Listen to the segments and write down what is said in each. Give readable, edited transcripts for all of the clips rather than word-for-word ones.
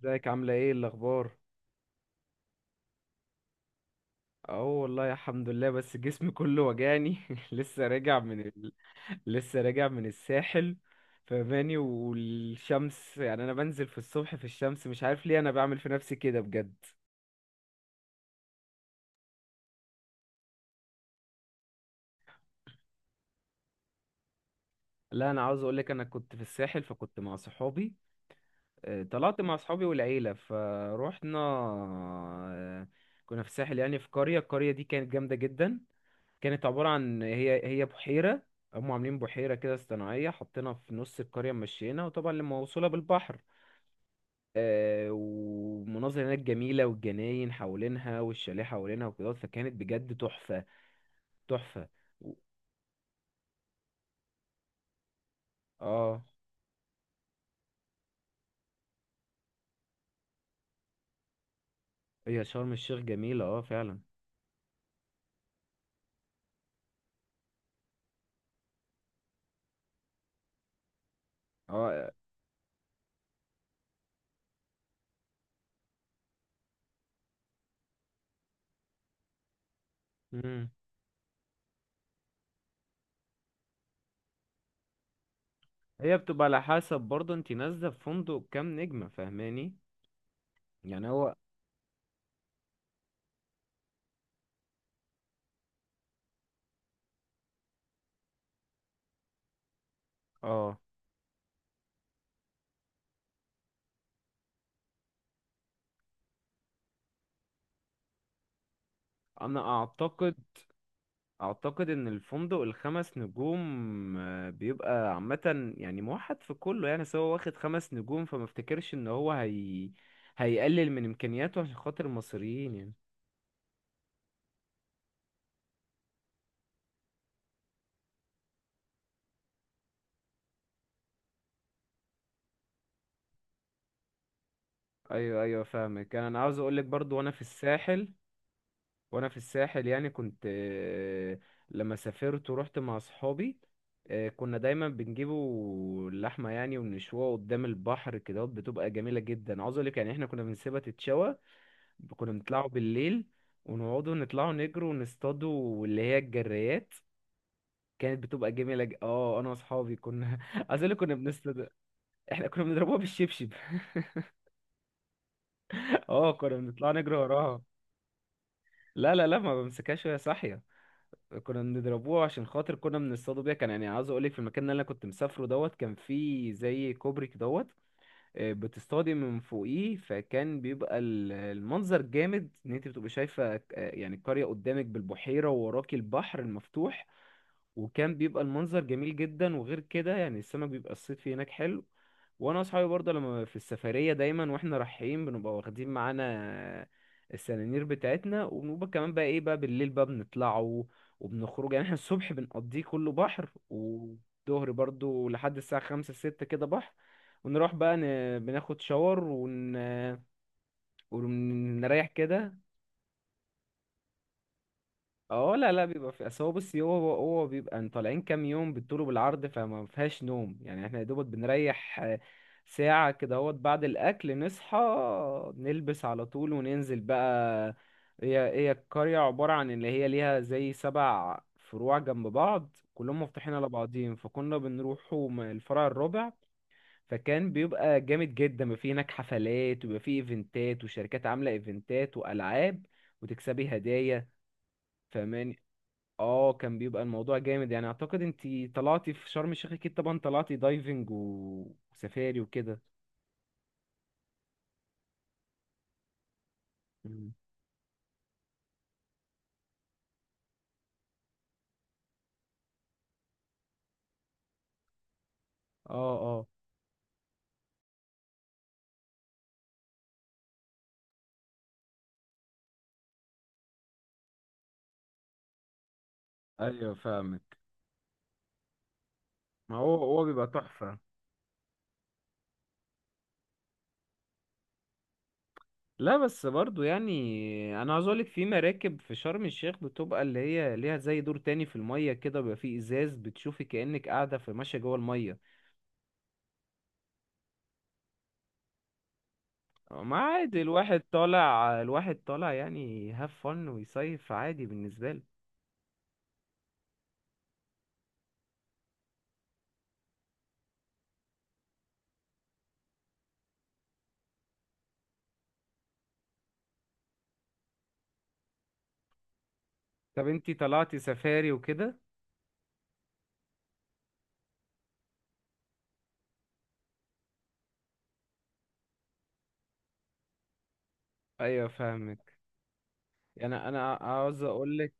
ازيك؟ عاملة ايه؟ الأخبار؟ اه والله الحمد لله، بس جسمي كله وجعني. لسه راجع من ال... لسه راجع من الساحل، فماني والشمس. يعني أنا بنزل في الصبح في الشمس، مش عارف ليه أنا بعمل في نفسي كده بجد. لا، أنا عاوز أقولك أنا كنت في الساحل، فكنت مع صحابي. طلعت مع صحابي والعيلة فروحنا. كنا في الساحل، يعني في قرية. القرية دي كانت جامدة جدا. كانت عبارة عن هي بحيرة. هم عاملين بحيرة كده صناعية، حطينا في نص القرية مشينا، وطبعا لما موصولة بالبحر. ومناظر هناك جميلة، والجناين حوالينها والشاليه حوالينها وكده، فكانت بجد تحفة. تحفة. و- اه، هي شرم الشيخ جميلة، اه فعلا. اه. مم. هي بتبقى على حسب برضه انت نازلة في فندق كام نجمة، فاهماني؟ يعني هو. اه، انا اعتقد ان الفندق الخمس نجوم، بيبقى عامة يعني موحد في كله، يعني سواء واخد خمس نجوم. فما افتكرش ان هيقلل من امكانياته عشان خاطر المصريين يعني. ايوه، ايوه، فاهمك. انا عاوز اقولك برضو وانا في الساحل. وانا في الساحل يعني كنت لما سافرت ورحت مع اصحابي. كنا دايما بنجيبوا اللحمه يعني ونشوها قدام البحر كده، بتبقى جميله جدا. عاوز اقولك يعني احنا كنا بنسيبها تتشوى. كنا بنطلعوا بالليل، ونقعدوا نطلعوا نجروا ونصطادوا اللي هي الجريات. كانت بتبقى جميلة اه، انا واصحابي كنا عايز اقول لك كنا بنصطاد. احنا كنا بنضربوها بالشبشب. اه، كنا بنطلع نجري وراها. لا لا لا، ما بمسكهاش وهي صاحية. كنا بنضربوها عشان خاطر كنا بنصطادوا بيها. كان يعني عاوز اقول لك في المكان اللي انا كنت مسافره دوت كان فيه زي كوبري دوت. بتصطادي من فوقيه، فكان بيبقى المنظر جامد ان انت بتبقى شايفه يعني القريه قدامك بالبحيره، ووراكي البحر المفتوح. وكان بيبقى المنظر جميل جدا، وغير كده يعني السمك بيبقى الصيد فيه هناك حلو. وانا واصحابي برضه لما في السفريه دايما واحنا رايحين بنبقى واخدين معانا السنانير بتاعتنا، وبنبقى كمان بقى ايه بقى بالليل بقى بنطلعوا وبنخرج. يعني احنا الصبح بنقضيه كله بحر، والظهر برضه لحد الساعه خمسة ستة كده بحر. ونروح بقى بناخد شاور ونريح كده. اه، لا لا، بيبقى في اصل. هو بصي، هو بيبقى طالعين كام يوم بالطول وبالعرض، فما فيهاش نوم. يعني احنا يا دوبك بنريح ساعة كده اهوت. بعد الاكل نصحى، نلبس على طول وننزل بقى. هي القرية عبارة عن اللي هي ليها زي سبع فروع جنب بعض كلهم مفتوحين على بعضهم، فكنا بنروحوا الفرع الرابع. فكان بيبقى جامد جدا، بيبقى فيه هناك حفلات، وبيبقى فيه ايفنتات، وشركات عاملة ايفنتات وألعاب، وتكسبي هدايا. فمان. اه، كان بيبقى الموضوع جامد. يعني اعتقد انتي طلعتي في شرم الشيخ. اكيد طبعا طلعتي دايفنج وسفاري وكده. مم. اه، اه، ايوه، فاهمك. ما هو هو بيبقى تحفة. لا، بس برضو يعني انا عاوز اقولك في مراكب في شرم الشيخ بتبقى اللي هي ليها زي دور تاني في المية كده، بيبقى فيه ازاز بتشوفي كأنك قاعدة في ماشية جوه المية. ما عادي، الواحد طالع. الواحد طالع يعني هاف فن ويصيف عادي بالنسبة له. طب انتي طلعتي سفاري وكده؟ ايوه فاهمك. يعني انا عاوز اقول لك.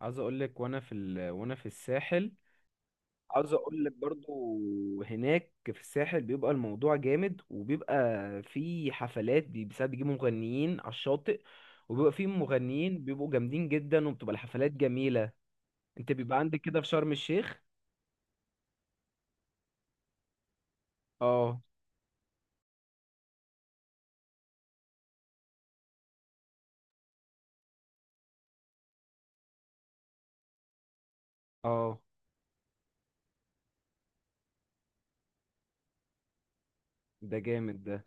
عاوز اقول لك وانا في وانا في الساحل. عاوز اقول لك برضو هناك في الساحل بيبقى الموضوع جامد، وبيبقى في حفلات بساعات بيجيبوا مغنيين على الشاطئ. وبيبقى في مغنيين بيبقوا جامدين جدا، وبتبقى الحفلات جميلة. انت بيبقى عندك كده في شرم الشيخ. اه اه. ده جامد ده.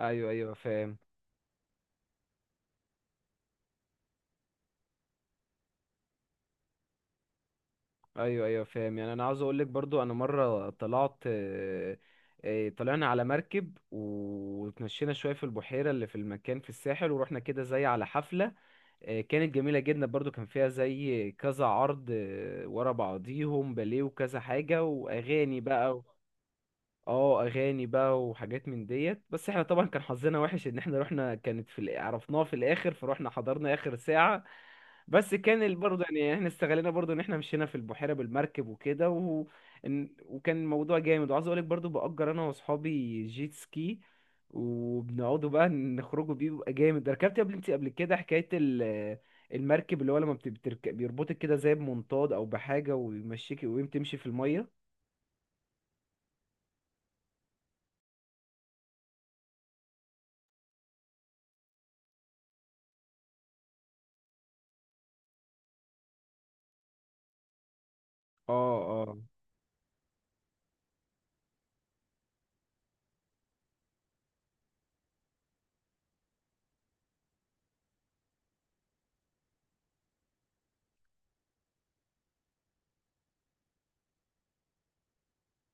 ايوه، ايوه، فاهم. ايوه، ايوه، فاهم. يعني انا عاوز اقول لك برضو انا مره طلعت. طلعنا على مركب، وتمشينا شويه في البحيره اللي في المكان في الساحل، ورحنا كده زي على حفله. كانت جميله جدا برضو. كان فيها زي كذا عرض ورا بعضيهم باليه وكذا حاجه واغاني بقى اه، اغاني بقى وحاجات من ديت. بس احنا طبعا كان حظنا وحش، ان احنا رحنا كانت في عرفناها في الاخر، فروحنا حضرنا اخر ساعه. بس كان برضه يعني احنا استغلينا برضه ان احنا مشينا في البحيره بالمركب وكده وكان الموضوع جامد. وعاوز اقول لك برضه باجر انا واصحابي جيت سكي، وبنقعدوا بقى نخرجوا بيه بيبقى جامد. ركبت قبل؟ انت قبل كده حكايه المركب، اللي هو لما بتركب بيربطك كده زي بمنطاد او بحاجه، ويمشيك ويقوم تمشي في الميه. اه. اه،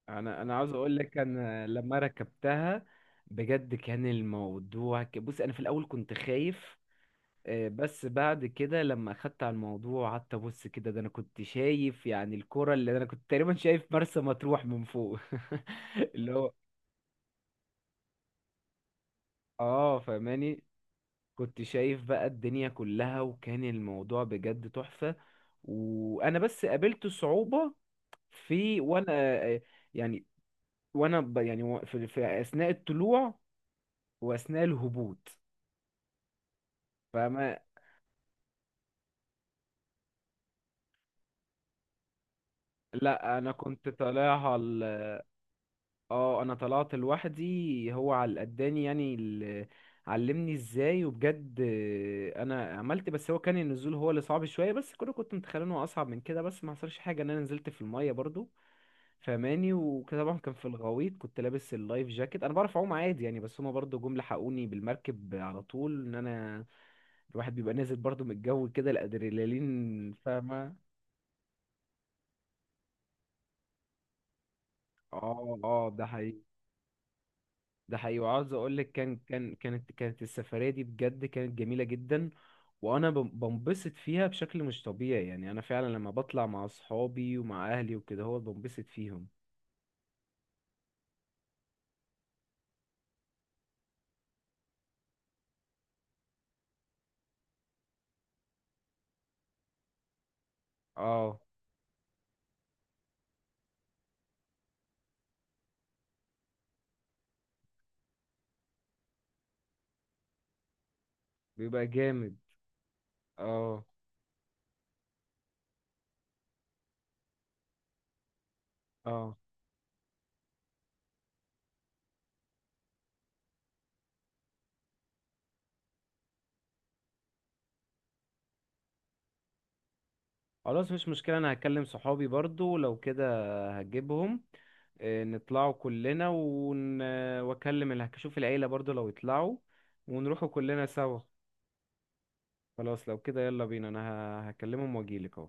انا عاوز اقول لك انا لما ركبتها بجد كان الموضوع بص انا في الاول كنت خايف. بس بعد كده لما اخدت على الموضوع قعدت ابص كده، ده انا كنت شايف يعني الكرة. اللي انا كنت تقريبا شايف مرسى مطروح من فوق. اللي هو اه. فماني كنت شايف بقى الدنيا كلها، وكان الموضوع بجد تحفة. وانا بس قابلت صعوبة في وانا آه، يعني وانا يعني في اثناء الطلوع، واثناء الهبوط. فما، لا انا كنت طالعها. اه، انا طلعت لوحدي. هو على قداني يعني علمني ازاي. وبجد انا عملت. بس هو كان النزول هو اللي صعب شويه، بس كنت متخيل انه اصعب من كده، بس ما حصلش حاجه ان انا نزلت في الميه برضو. فماني وكده، طبعا كان في الغويط، كنت لابس اللايف جاكيت. انا بعرف اعوم عادي يعني، بس هما برضو جم لحقوني بالمركب على طول. ان انا الواحد بيبقى نازل برضو من الجو كده، الادرينالين، فاهمه. اه اه، ده حقيقي. ده حقيقي. وعاوز اقول لك كانت السفريه دي بجد كانت جميله جدا. وانا بنبسط فيها بشكل مش طبيعي. يعني انا فعلا لما بطلع مع اصحابي ومع اهلي وكده هو بنبسط فيهم. اه بيبقى جامد. اه اه. خلاص مش مشكله، انا هكلم صحابي برضو لو كده هجيبهم. نطلعوا كلنا واكلم اللي هشوف العيله برضو لو يطلعوا، ونروحوا كلنا سوا. خلاص لو كده يلا بينا. انا هكلمهم واجيلك اهو.